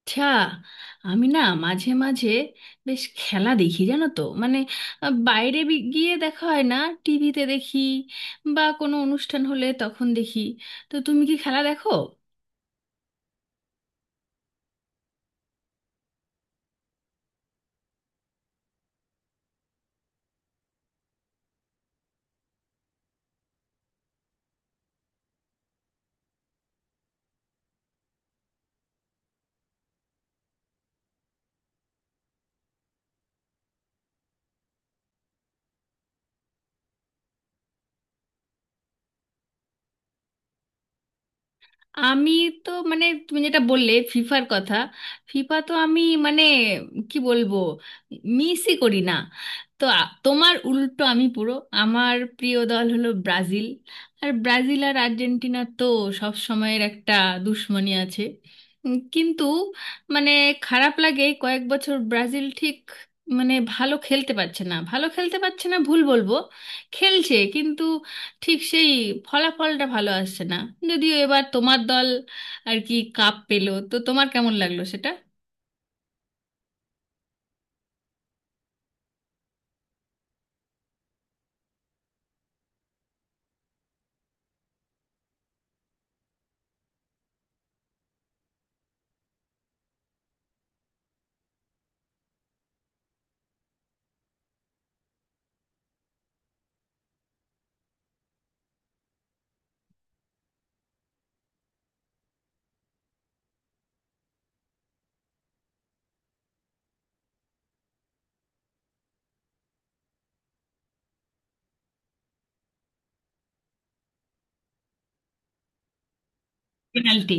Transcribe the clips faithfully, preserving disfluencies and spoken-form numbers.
আচ্ছা, আমি না মাঝে মাঝে বেশ খেলা দেখি, জানো তো। মানে আহ, বাইরে বি- গিয়ে দেখা হয় না, টিভিতে দেখি বা কোনো অনুষ্ঠান হলে তখন দেখি। তো তুমি কি খেলা দেখো? আমি তো মানে তুমি যেটা বললে ফিফার কথা, ফিফা তো আমি মানে কি বলবো, মিসই করি না। তো আ- তোমার উল্টো আমি পুরো, আমার প্রিয় দল হলো ব্রাজিল। আর ব্রাজিল আর আর্জেন্টিনা তো সব সময়ের একটা দুশ্মনী আছে। উম, কিন্তু মানে খারাপ লাগে, কয়েক বছর ব্রাজিল ঠিক মানে ভালো খেলতে পারছে না, ভালো খেলতে পারছে না ভুল বলবো, খেলছে কিন্তু ঠিক সেই ফলাফলটা ভালো আসছে না। যদিও এবার তোমার দল আর কি কাপ পেলো, তো তোমার কেমন লাগলো সেটা? পেনাল্টি।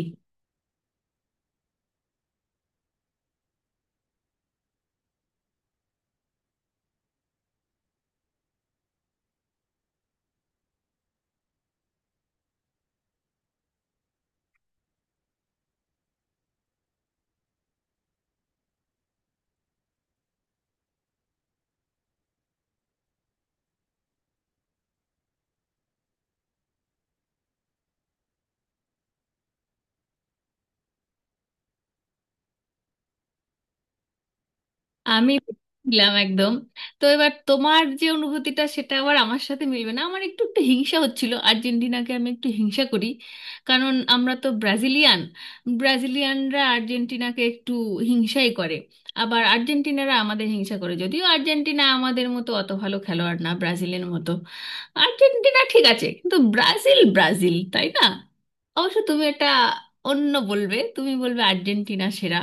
আমি বুঝলাম একদম। তো এবার তোমার যে অনুভূতিটা সেটা আবার আমার সাথে মিলবে না, আমার একটু একটু হিংসা হচ্ছিল, আর্জেন্টিনাকে আমি একটু হিংসা করি। কারণ আমরা তো ব্রাজিলিয়ান, ব্রাজিলিয়ানরা আর্জেন্টিনাকে একটু হিংসাই করে, আবার আর্জেন্টিনারা আমাদের হিংসা করে। যদিও আর্জেন্টিনা আমাদের মতো অত ভালো খেলোয়াড় না, ব্রাজিলের মতো আর্জেন্টিনা ঠিক আছে, কিন্তু ব্রাজিল ব্রাজিল, তাই না? অবশ্য তুমি এটা অন্য বলবে, তুমি বলবে আর্জেন্টিনা সেরা।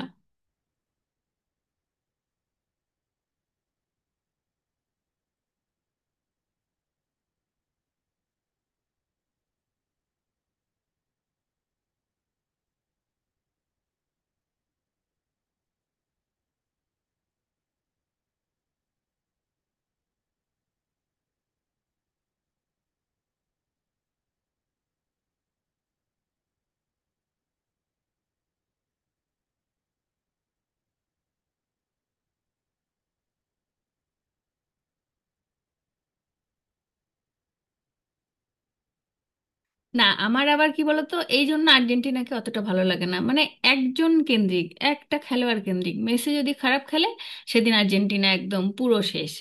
না, আমার আবার কি বলতো, এই জন্য আর্জেন্টিনাকে অতটা ভালো লাগে না, মানে একজন কেন্দ্রিক, একটা খেলোয়াড় কেন্দ্রিক। মেসি যদি খারাপ খেলে সেদিন আর্জেন্টিনা একদম পুরো শেষ।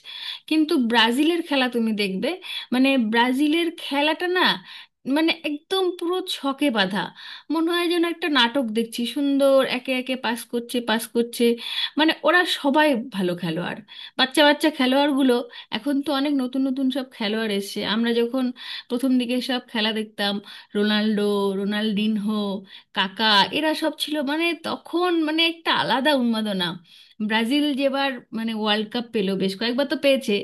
কিন্তু ব্রাজিলের খেলা তুমি দেখবে, মানে ব্রাজিলের খেলাটা না মানে একদম পুরো ছকে বাঁধা, মনে হয় যেন একটা নাটক দেখছি, সুন্দর একে একে পাস করছে পাস করছে। মানে ওরা সবাই ভালো খেলোয়াড়, বাচ্চা বাচ্চা খেলোয়াড়গুলো। এখন তো অনেক নতুন নতুন সব খেলোয়াড় এসেছে, আমরা যখন প্রথম দিকে সব খেলা দেখতাম রোনাল্ডো, রোনাল্ডিনহো, কাকা, এরা সব ছিল। মানে তখন মানে একটা আলাদা উন্মাদনা। ব্রাজিল যেবার মানে ওয়ার্ল্ড কাপ পেলো, বেশ কয়েকবার তো পেয়েছে,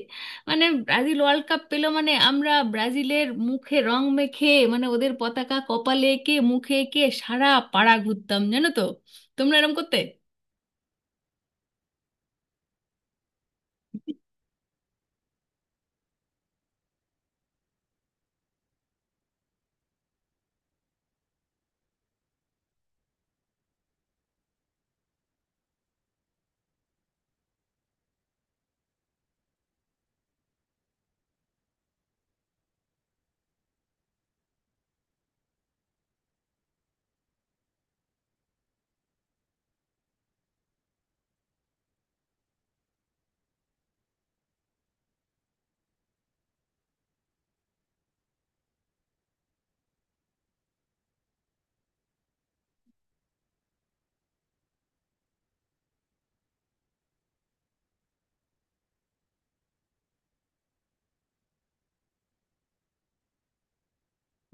মানে ব্রাজিল ওয়ার্ল্ড কাপ পেলো মানে আমরা ব্রাজিলের মুখে রং মেখে মানে ওদের পতাকা কপালে এঁকে, মুখে এঁকে সারা পাড়া ঘুরতাম, জানো তো। তোমরা এরম করতে?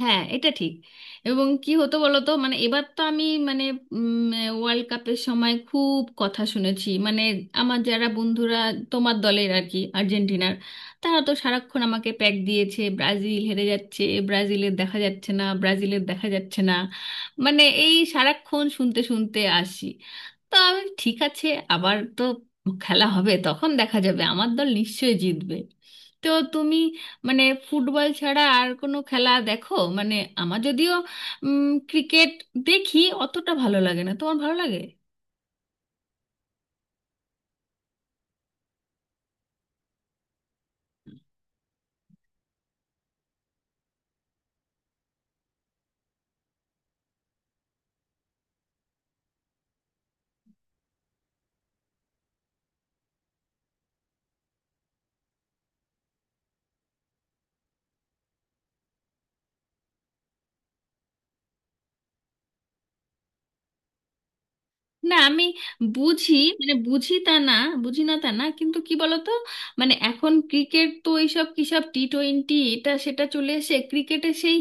হ্যাঁ, এটা ঠিক। এবং কি হতো বলতো মানে এবার তো আমি মানে ওয়ার্ল্ড কাপের সময় খুব কথা শুনেছি, মানে আমার যারা বন্ধুরা তোমার দলের আর কি, আর্জেন্টিনার, তারা তো সারাক্ষণ আমাকে প্যাক দিয়েছে, ব্রাজিল হেরে যাচ্ছে, ব্রাজিলের দেখা যাচ্ছে না, ব্রাজিলের দেখা যাচ্ছে না। মানে এই সারাক্ষণ শুনতে শুনতে আসি, তো আমি ঠিক আছে, আবার তো খেলা হবে তখন দেখা যাবে, আমার দল নিশ্চয়ই জিতবে। তো তুমি মানে ফুটবল ছাড়া আর কোনো খেলা দেখো? মানে আমার যদিও ক্রিকেট দেখি, অতটা ভালো লাগে না, তোমার ভালো লাগে? না, আমি বুঝি, মানে বুঝি তা না, বুঝি না তা না, কিন্তু কি বলতো মানে এখন ক্রিকেট তো এইসব কিসব টি টোয়েন্টি এটা সেটা চলে এসে ক্রিকেটে সেই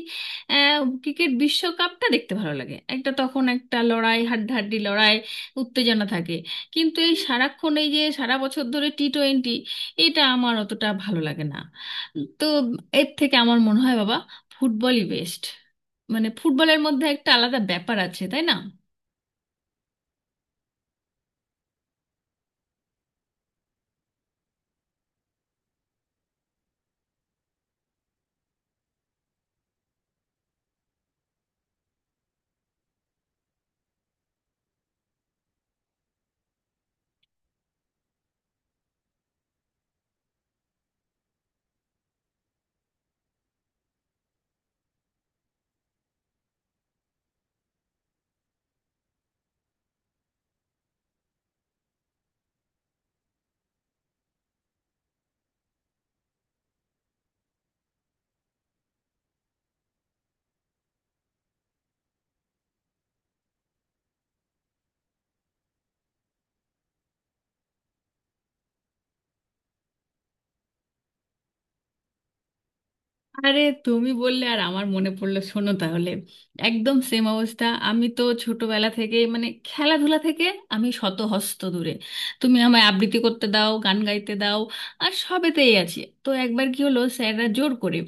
ক্রিকেট বিশ্বকাপটা দেখতে ভালো লাগে, একটা তখন একটা লড়াই, হাড্ডাহাড্ডি লড়াই, উত্তেজনা থাকে। কিন্তু এই সারাক্ষণ এই যে সারা বছর ধরে টি টোয়েন্টি, এটা আমার অতটা ভালো লাগে না। তো এর থেকে আমার মনে হয় বাবা ফুটবলই বেস্ট, মানে ফুটবলের মধ্যে একটা আলাদা ব্যাপার আছে, তাই না? আরে তুমি বললে আর আমার মনে পড়লো, শোনো তাহলে, একদম সেম অবস্থা। আমি তো ছোটবেলা থেকে মানে খেলাধুলা থেকে আমি শত হস্ত দূরে। তুমি আমায় আবৃত্তি করতে দাও, গান গাইতে দাও, আর সবেতেই আছি। তো একবার কি হলো, স্যাররা জোর করে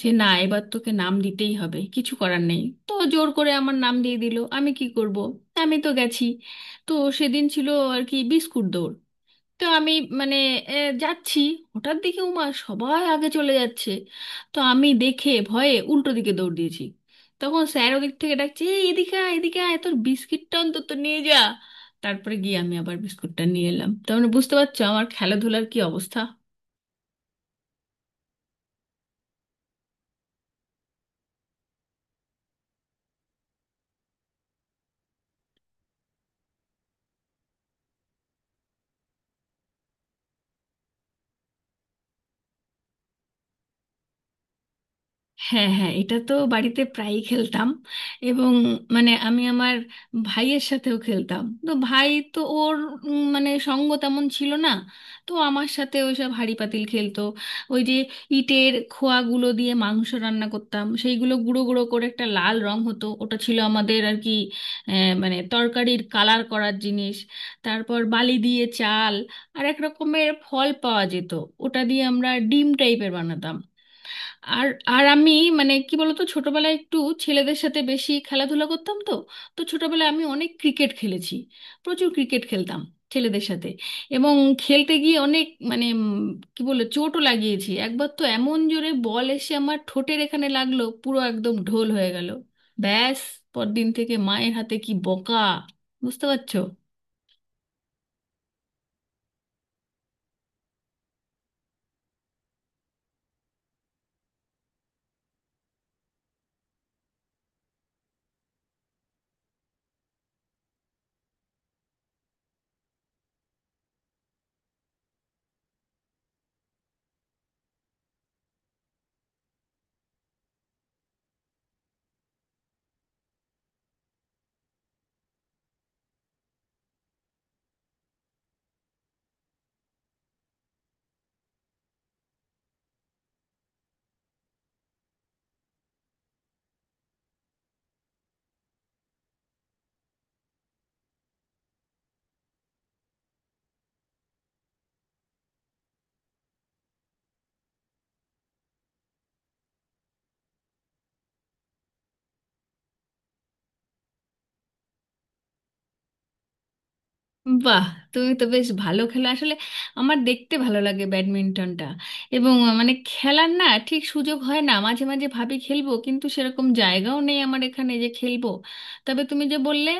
যে না, এবার তোকে নাম দিতেই হবে, কিছু করার নেই। তো জোর করে আমার নাম দিয়ে দিল, আমি কি করব, আমি তো গেছি। তো সেদিন ছিল আর কি বিস্কুট দৌড়। তো আমি মানে এ, যাচ্ছি, হঠাৎ দেখি উমা সবাই আগে চলে যাচ্ছে, তো আমি দেখে ভয়ে উল্টো দিকে দৌড় দিয়েছি। তখন স্যার ওদিক থেকে ডাকছে, এই এদিকে আয়, এদিকে আয়, তোর বিস্কিটটা অন্তত নিয়ে যা। তারপরে গিয়ে আমি আবার বিস্কুটটা নিয়ে এলাম। তার মানে বুঝতে পারছো আমার খেলাধুলার কি অবস্থা। হ্যাঁ হ্যাঁ, এটা তো বাড়িতে প্রায়ই খেলতাম। এবং মানে আমি আমার ভাইয়ের সাথেও খেলতাম, তো ভাই তো ওর উম, মানে সঙ্গ তেমন ছিল না, তো আমার সাথে ওই সব হাঁড়ি পাতিল খেলতো। ওই যে ইটের খোয়াগুলো দিয়ে মাংস রান্না করতাম, সেইগুলো গুঁড়ো গুঁড়ো করে একটা লাল রং হতো, ওটা ছিল আমাদের আর কি আহ, মানে তরকারির কালার করার জিনিস। তারপর বালি দিয়ে চাল, আর এক রকমের ফল পাওয়া যেত, ওটা দিয়ে আমরা ডিম টাইপের বানাতাম। আর আর আমি মানে কি বলতো ছোটবেলায় একটু ছেলেদের সাথে বেশি খেলাধুলা করতাম তো। তো ছোটবেলায় আমি অনেক ক্রিকেট খেলেছি, প্রচুর ক্রিকেট খেলতাম ছেলেদের সাথে। এবং খেলতে গিয়ে অনেক মানে উম, কি বলে চোটও লাগিয়েছি। একবার তো এমন জোরে বল এসে আমার ঠোঁটের এখানে লাগলো, পুরো একদম ঢোল হয়ে গেল। ব্যাস, পরদিন থেকে মায়ের হাতে কি বকা, বুঝতে পারছো। বাহ, তুমি তো বেশ ভালো খেলো আসলে। আমার দেখতে ভালো লাগে ব্যাডমিন্টনটা, এবং আহ, মানে খেলার না ঠিক সুযোগ হয় না, মাঝে মাঝে ভাবি খেলবো কিন্তু সেরকম জায়গাও নেই আমার এখানে যে খেলবো। তবে তুমি যে বললে,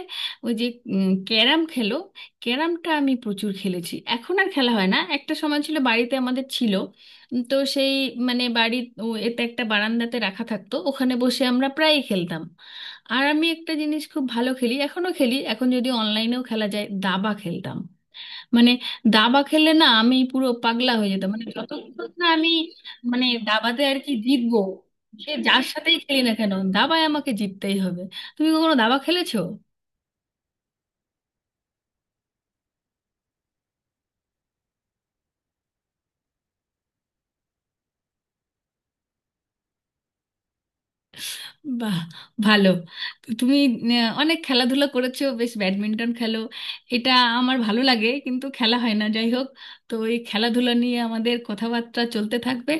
ওই যে উম, ক্যারাম খেলো, ক্যারামটা আমি প্রচুর খেলেছি, এখন আর খেলা হয় না। একটা সময় ছিল বাড়িতে আমাদের ছিল, উম, তো সেই মানে বাড়ি ও, এতে একটা বারান্দাতে রাখা থাকতো, ওখানে বসে আমরা প্রায়ই খেলতাম। আর আমি একটা জিনিস খুব ভালো খেলি এখনো খেলি, এখন যদি অনলাইনেও খেলা যায়, দাবা খেলতাম। মানে দাবা খেললে না আমি পুরো পাগলা হয়ে যেতাম, মানে যতক্ষণ না আমি মানে দাবাতে আর কি জিতবো, সে যার সাথেই খেলি না কেন দাবায় আমাকে জিততেই হবে। তুমি কখনো দাবা খেলেছো? বাহ, ভালো। তো তুমি আহ, অনেক খেলাধুলা করেছো, বেশ ব্যাডমিন্টন খেলো, এটা আমার ভালো লাগে কিন্তু খেলা হয় না। যাই হোক, তো এই খেলাধুলা নিয়ে আমাদের কথাবার্তা চলতে থাকবে।